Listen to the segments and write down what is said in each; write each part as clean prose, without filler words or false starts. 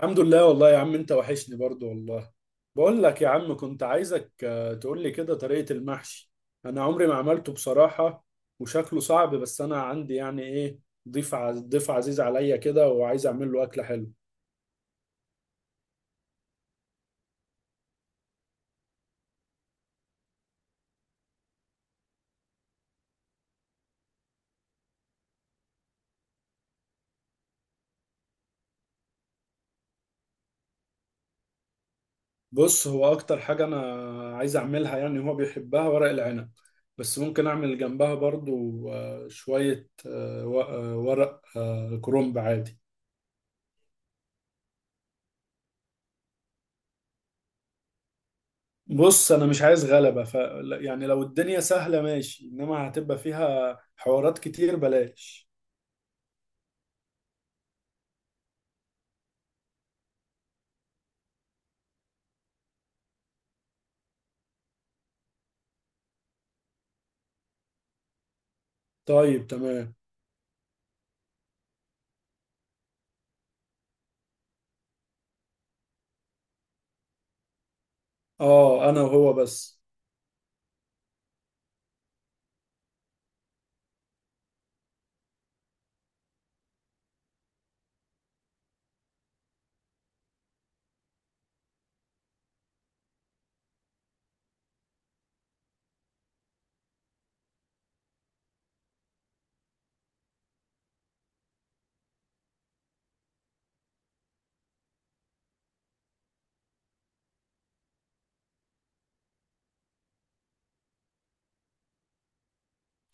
الحمد لله والله يا عم انت وحشني برضو والله. بقول لك يا عم كنت عايزك، تقول لي كده طريقة المحشي. انا عمري ما عملته بصراحة. وشكله صعب، بس انا عندي يعني ايه، ضيف عزيز عليا كده وعايز اعمل له اكلة حلوه. بص، هو اكتر حاجة انا عايز اعملها يعني هو بيحبها ورق العنب، بس ممكن اعمل جنبها برضو، شوية، ورق كرنب عادي. بص انا مش عايز غلبة يعني لو الدنيا سهلة ماشي، انما هتبقى فيها حوارات كتير بلاش. طيب تمام. اه انا وهو بس.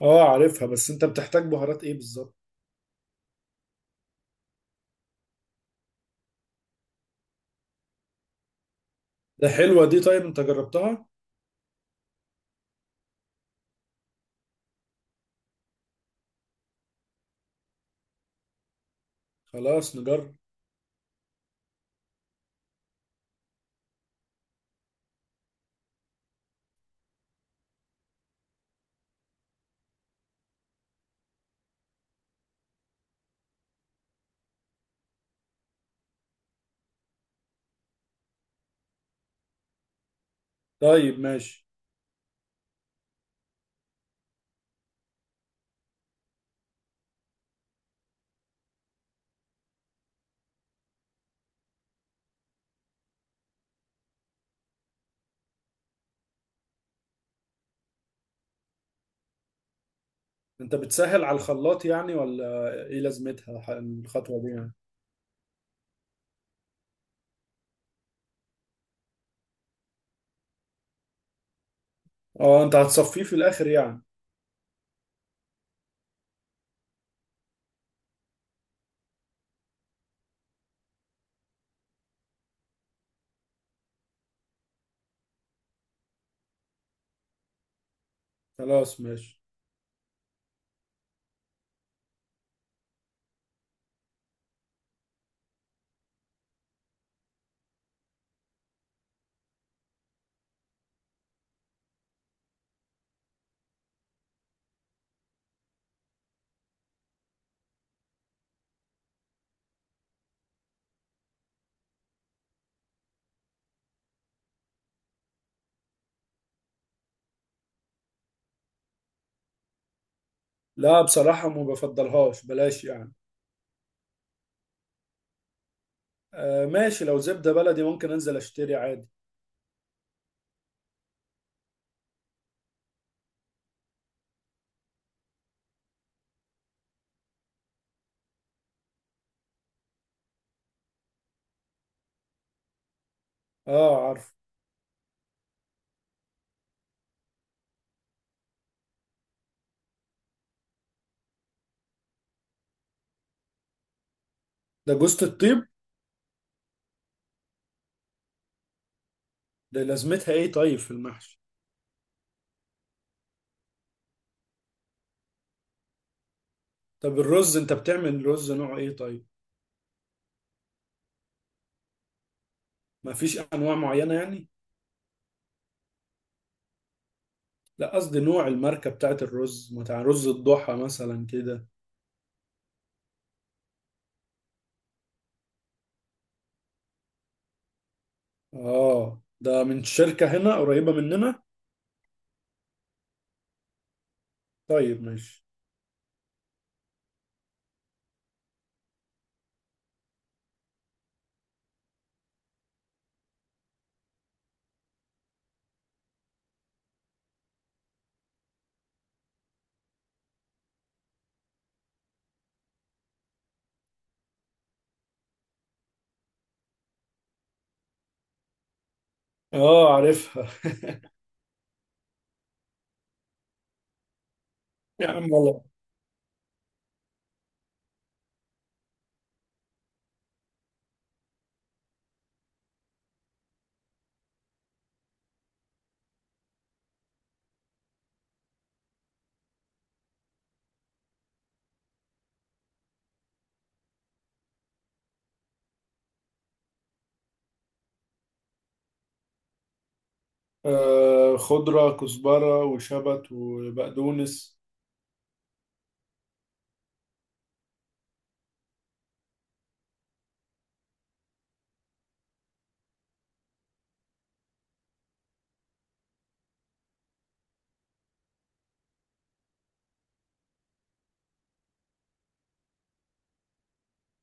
اه عارفها، بس انت بتحتاج بهارات ايه بالظبط؟ ده حلوة دي، طيب انت جربتها؟ خلاص نجرب. طيب ماشي. انت بتسهل على الخلاط يعني ولا ايه لازمتها الخطوة دي يعني؟ اه انت هتصفيه في الاخر يعني. خلاص ماشي. لا بصراحة ما بفضلهاش، بلاش يعني. آه ماشي، لو زبدة بلدي ممكن انزل اشتري عادي. اه عارف. ده جوزة الطيب؟ ده لازمتها ايه طيب في المحشي؟ طب الرز انت بتعمل رز نوعه ايه طيب؟ ما فيش انواع معينة يعني؟ لا قصدي نوع الماركة بتاعت الرز، بتاع رز الضحى مثلا كده. اه ده من شركة هنا قريبة مننا. طيب ماشي. اه عارفها. يا عم والله. آه، خضرة كزبرة وشبت وبقدونس.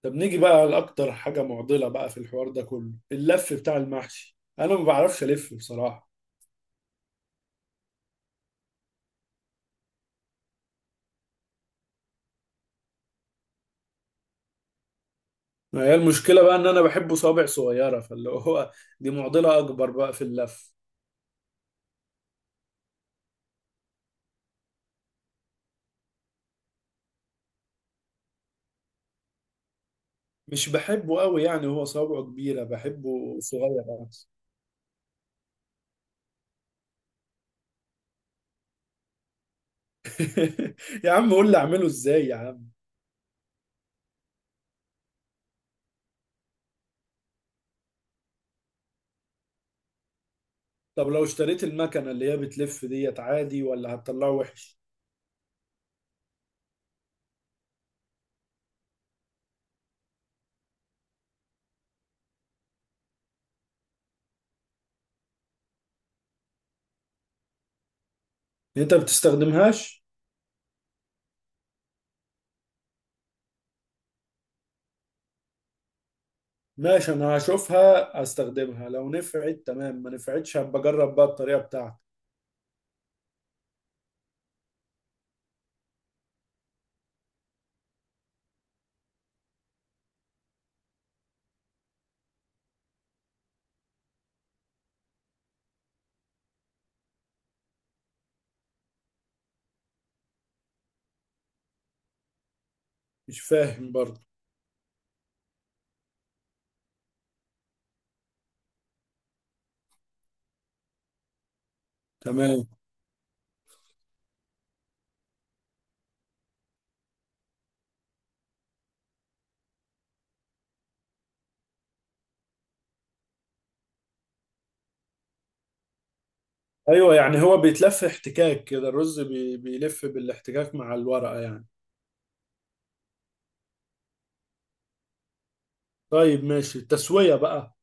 طب نيجي بقى لأكتر حاجة معضلة بقى في الحوار ده كله، اللف بتاع المحشي. أنا ما بعرفش ألف بصراحة. ما هي المشكلة بقى إن أنا بحبه صوابع صغيرة، فاللي هو دي معضلة أكبر بقى في اللف. مش بحبه قوي يعني هو صوابعه كبيرة، بحبه صغير أكتر. يا عم قول لي أعمله إزاي يا عم. طب لو اشتريت المكنة اللي هي بتلف ديت عادي، ولا هتطلعه وحش؟ أنت ما بتستخدمهاش؟ ماشي، أنا هشوفها هستخدمها، لو نفعت تمام، ما نفعتش هبقى أجرب بقى الطريقة بتاعتك. مش فاهم برضه. تمام. أيوه يعني هو بيتلف احتكاك كده، الرز بيلف بالاحتكاك مع الورقة يعني؟ طيب ماشي، التسوية بقى؟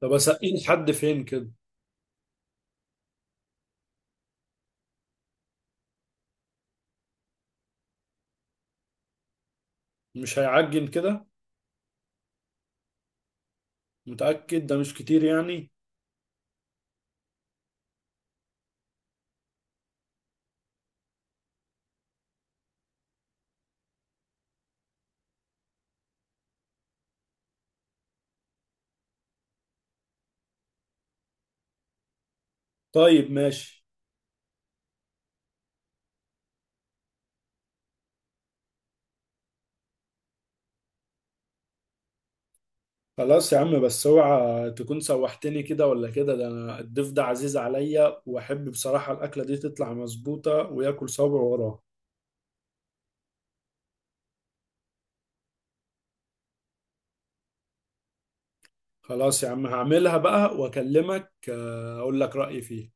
طب اسقيه لحد فين كده؟ مش هيعجن كده؟ متأكد ده مش كتير يعني؟ طيب ماشي. خلاص يا عم، بس اوعى تكون سوحتني كده ولا كده، ده انا الضيف ده عزيز عليا، واحب بصراحة الاكلة دي تطلع مظبوطة وياكل صابع وراه. خلاص يا عم هعملها بقى واكلمك، اقول لك رأيي فيها.